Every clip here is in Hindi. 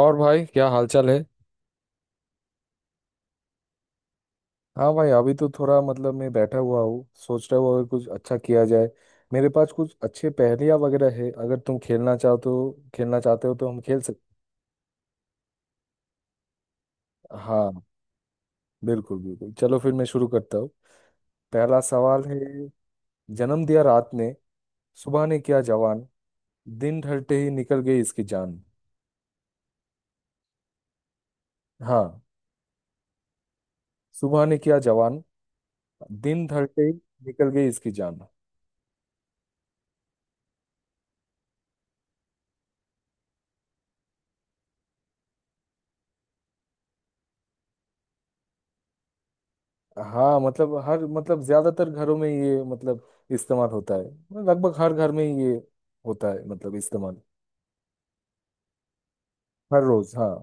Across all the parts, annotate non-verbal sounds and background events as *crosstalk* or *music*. और भाई, क्या हालचाल है। हाँ भाई, अभी तो थोड़ा मतलब मैं बैठा हुआ हूँ, सोच रहा हूँ अगर कुछ अच्छा किया जाए। मेरे पास कुछ अच्छे पहेलियाँ वगैरह है, अगर तुम खेलना चाहते हो तो हम खेल सकते। हाँ, बिल्कुल बिल्कुल, चलो फिर मैं शुरू करता हूँ। पहला सवाल है। जन्म दिया रात ने, सुबह ने किया जवान, दिन ढलते ही निकल गई इसकी जान। हाँ। सुबह ने किया जवान, दिन ढलते ही निकल गई इसकी जान। हाँ, मतलब हर मतलब, ज्यादातर घरों में ये मतलब इस्तेमाल होता है। लगभग हर घर में ये होता है मतलब इस्तेमाल। हर रोज। हाँ।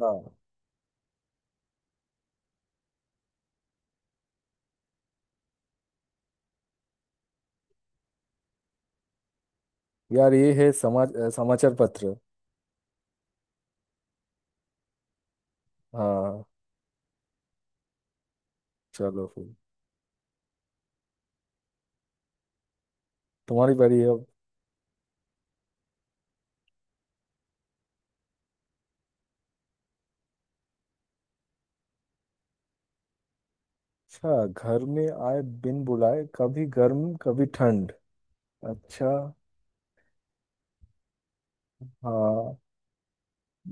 हाँ यार, ये है समाज, समाचार पत्र। हाँ, चलो फिर। तुम्हारी बारी है अब। अच्छा, घर में आए बिन बुलाए, कभी गर्म कभी ठंड। अच्छा। हाँ।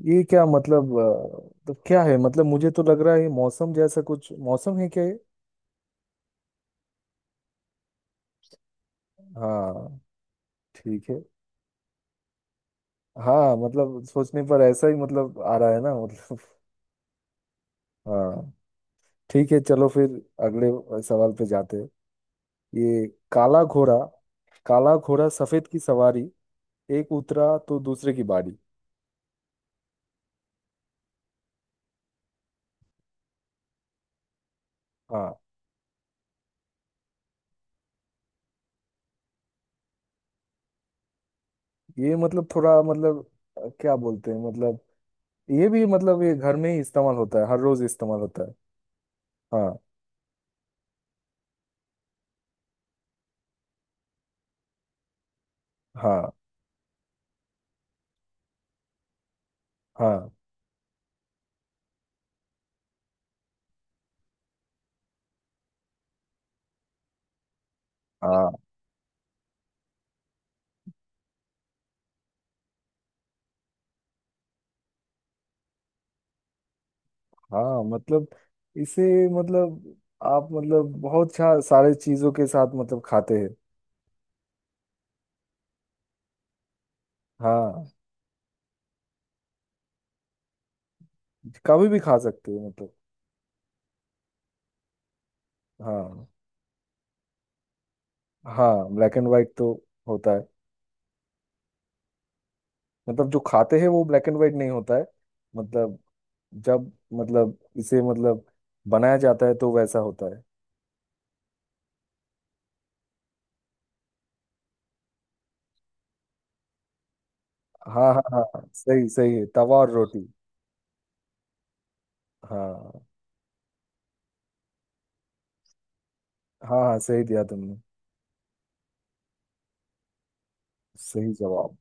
ये क्या मतलब तो क्या है मतलब, मुझे तो लग रहा है ये मौसम जैसा कुछ, मौसम है क्या ये? हाँ, ठीक है। हाँ, मतलब सोचने पर ऐसा ही मतलब आ रहा है ना, मतलब। *laughs* हाँ। ठीक है, चलो फिर अगले सवाल पे जाते हैं। ये काला घोड़ा। काला घोड़ा सफेद की सवारी, एक उतरा तो दूसरे की बारी। हाँ, ये मतलब थोड़ा मतलब क्या बोलते हैं मतलब। ये भी मतलब, ये घर में ही इस्तेमाल होता है, हर रोज इस्तेमाल होता है। हाँ, हाँ, हाँ, हाँ। हाँ, मतलब इसे मतलब, आप मतलब बहुत सारे चीजों के साथ मतलब खाते हैं। हाँ, कभी भी खा सकते हो मतलब। हाँ। हाँ, ब्लैक एंड वाइट तो होता है। मतलब जो खाते हैं वो ब्लैक एंड वाइट नहीं होता है। मतलब जब मतलब इसे मतलब बनाया जाता है तो वैसा होता है। हाँ, हाँ, हाँ, हाँ, सही सही है, तवा और रोटी। हाँ। हाँ, हाँ, सही दिया तुमने। सही जवाब।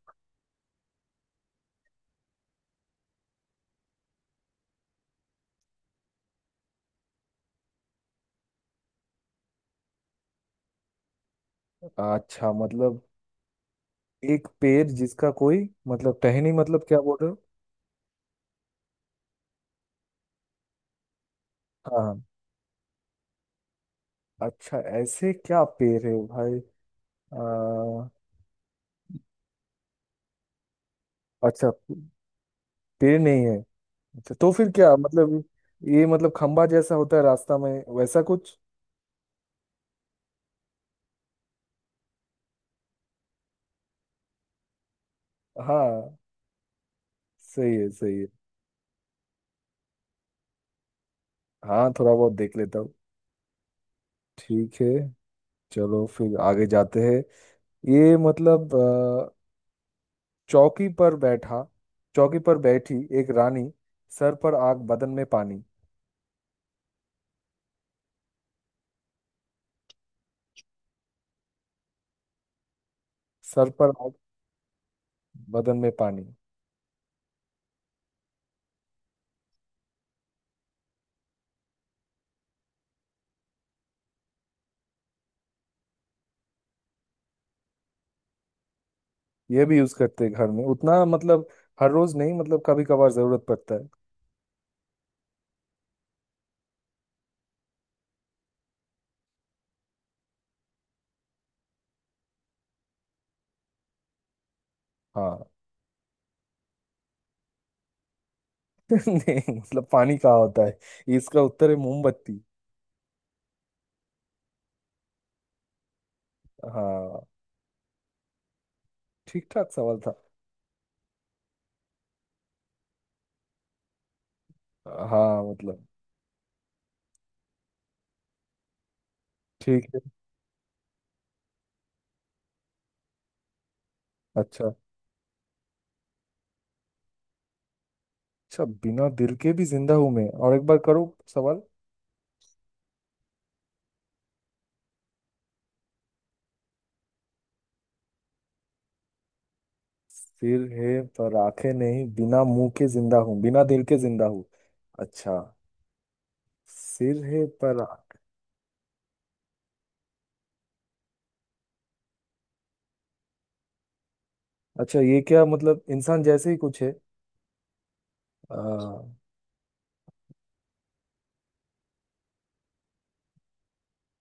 अच्छा, मतलब एक पेड़ जिसका कोई मतलब टहनी, मतलब क्या बोल रहे हो? हाँ, हाँ। अच्छा, ऐसे क्या पेड़ है भाई? आ, अच्छा, पेड़ नहीं है। अच्छा, तो फिर क्या मतलब? ये मतलब खंबा जैसा होता है रास्ता में, वैसा कुछ। हाँ, सही है, सही है। हाँ, थोड़ा बहुत देख लेता हूँ। ठीक है, चलो फिर आगे जाते हैं। ये मतलब चौकी पर बैठा, चौकी पर बैठी एक रानी, सर पर आग बदन में पानी। सर पर आग, बदन में पानी। ये भी यूज करते हैं घर में, उतना मतलब हर रोज नहीं, मतलब कभी कभार जरूरत पड़ता है। हाँ। *laughs* नहीं, मतलब पानी कहाँ होता है? इसका उत्तर है मोमबत्ती। हाँ, ठीक ठाक सवाल था। हाँ, मतलब ठीक है। अच्छा, अच्छा बिना दिल के भी जिंदा हूं मैं, और एक बार करो सवाल। सिर है पर आंखें नहीं, बिना मुंह के जिंदा हूँ, बिना दिल के जिंदा हूँ। अच्छा। सिर है पर आंख-। अच्छा, ये क्या मतलब इंसान जैसे ही कुछ है? आ,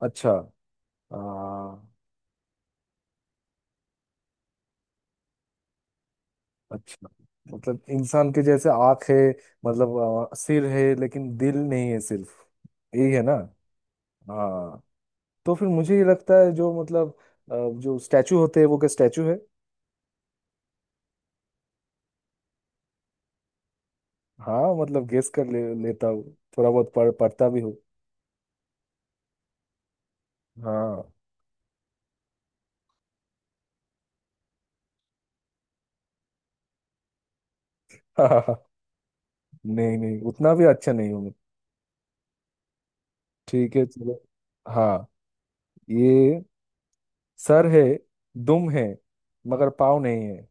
अच्छा। आ, अच्छा, मतलब इंसान के जैसे आंख है मतलब, सिर है लेकिन दिल नहीं है सिर्फ, यही है ना? हाँ। तो फिर मुझे ये लगता है जो मतलब अ, जो स्टैचू होते हैं, वो क्या स्टैचू है? हाँ, मतलब गेस लेता हूँ, थोड़ा बहुत पढ़ता भी हूँ। हाँ। *laughs* नहीं, नहीं उतना भी अच्छा नहीं हूँ मैं। ठीक है, चलो। हाँ। ये सर है, दुम है मगर पाँव नहीं है,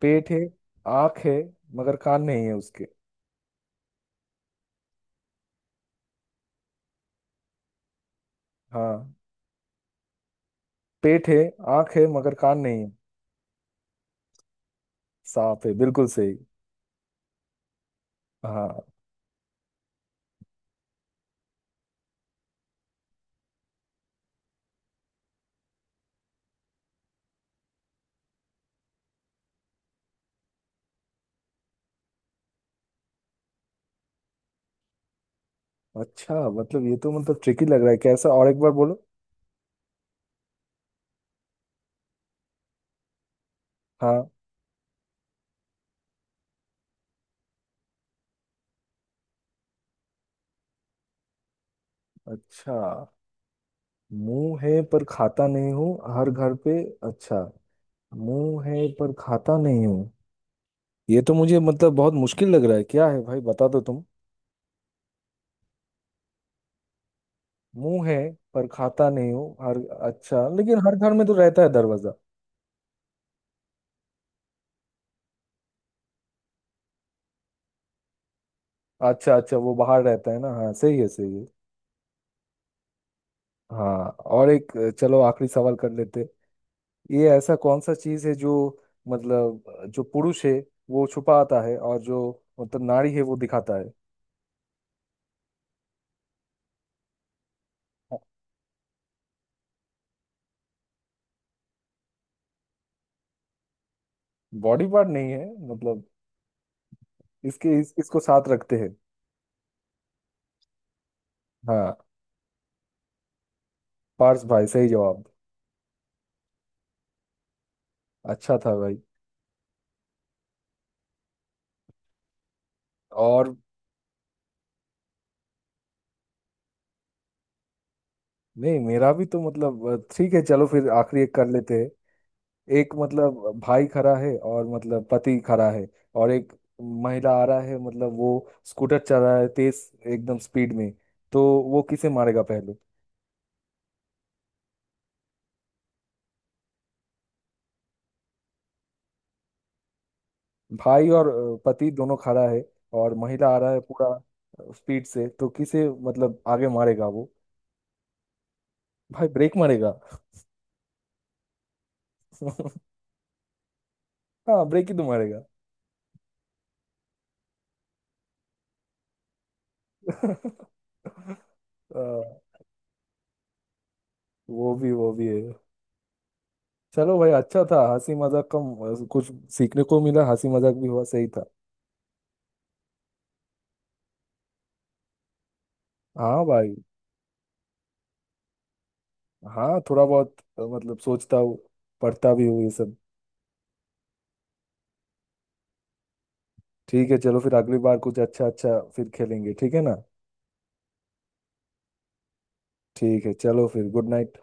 पेट है, आँख है मगर कान नहीं है उसके। हाँ। पेट है, आँख है मगर कान नहीं है। सांप है, बिल्कुल सही। हाँ। अच्छा, मतलब ये तो मतलब ट्रिकी लग रहा है, कैसा? और एक बार बोलो। हाँ। अच्छा, मुंह है पर खाता नहीं हूँ, हर घर पे। अच्छा, मुंह है पर खाता नहीं हूँ। ये तो मुझे मतलब बहुत मुश्किल लग रहा है, क्या है भाई, बता दो तुम। मुंह है पर खाता नहीं हूँ हर। अच्छा, लेकिन हर घर में तो रहता है दरवाजा। अच्छा, अच्छा वो बाहर रहता है ना। हाँ, सही है, सही है। हाँ। और एक, चलो आखिरी सवाल कर लेते। ये ऐसा कौन सा चीज है जो मतलब जो पुरुष है वो छुपाता है, और जो मतलब नारी है वो दिखाता है? बॉडी पार्ट नहीं है। मतलब इसके इसको साथ रखते हैं। हाँ। पार्स भाई, सही जवाब। अच्छा था भाई। और। नहीं, मेरा भी तो मतलब ठीक है, चलो फिर आखिरी एक कर लेते हैं। एक मतलब भाई खड़ा है और मतलब पति खड़ा है। और एक महिला आ रहा है, मतलब वो स्कूटर चला रहा है तेज एकदम स्पीड में। तो वो किसे मारेगा पहले? भाई और पति दोनों खड़ा है। और महिला आ रहा है पूरा स्पीड से, तो किसे मतलब आगे मारेगा वो? भाई, ब्रेक मारेगा। *laughs* हाँ, ब्रेक ही तो मारेगा। *laughs* आ, वो भी, वो भी है। चलो भाई, अच्छा था, हंसी मजाक कम कुछ सीखने को मिला, हंसी मजाक भी हुआ, सही था। हाँ भाई। हाँ, थोड़ा बहुत मतलब सोचता हूँ, पढ़ता भी हूँ ये सब। ठीक है, चलो फिर अगली बार कुछ अच्छा अच्छा फिर खेलेंगे, ठीक है ना? ठीक है, चलो फिर, गुड नाइट।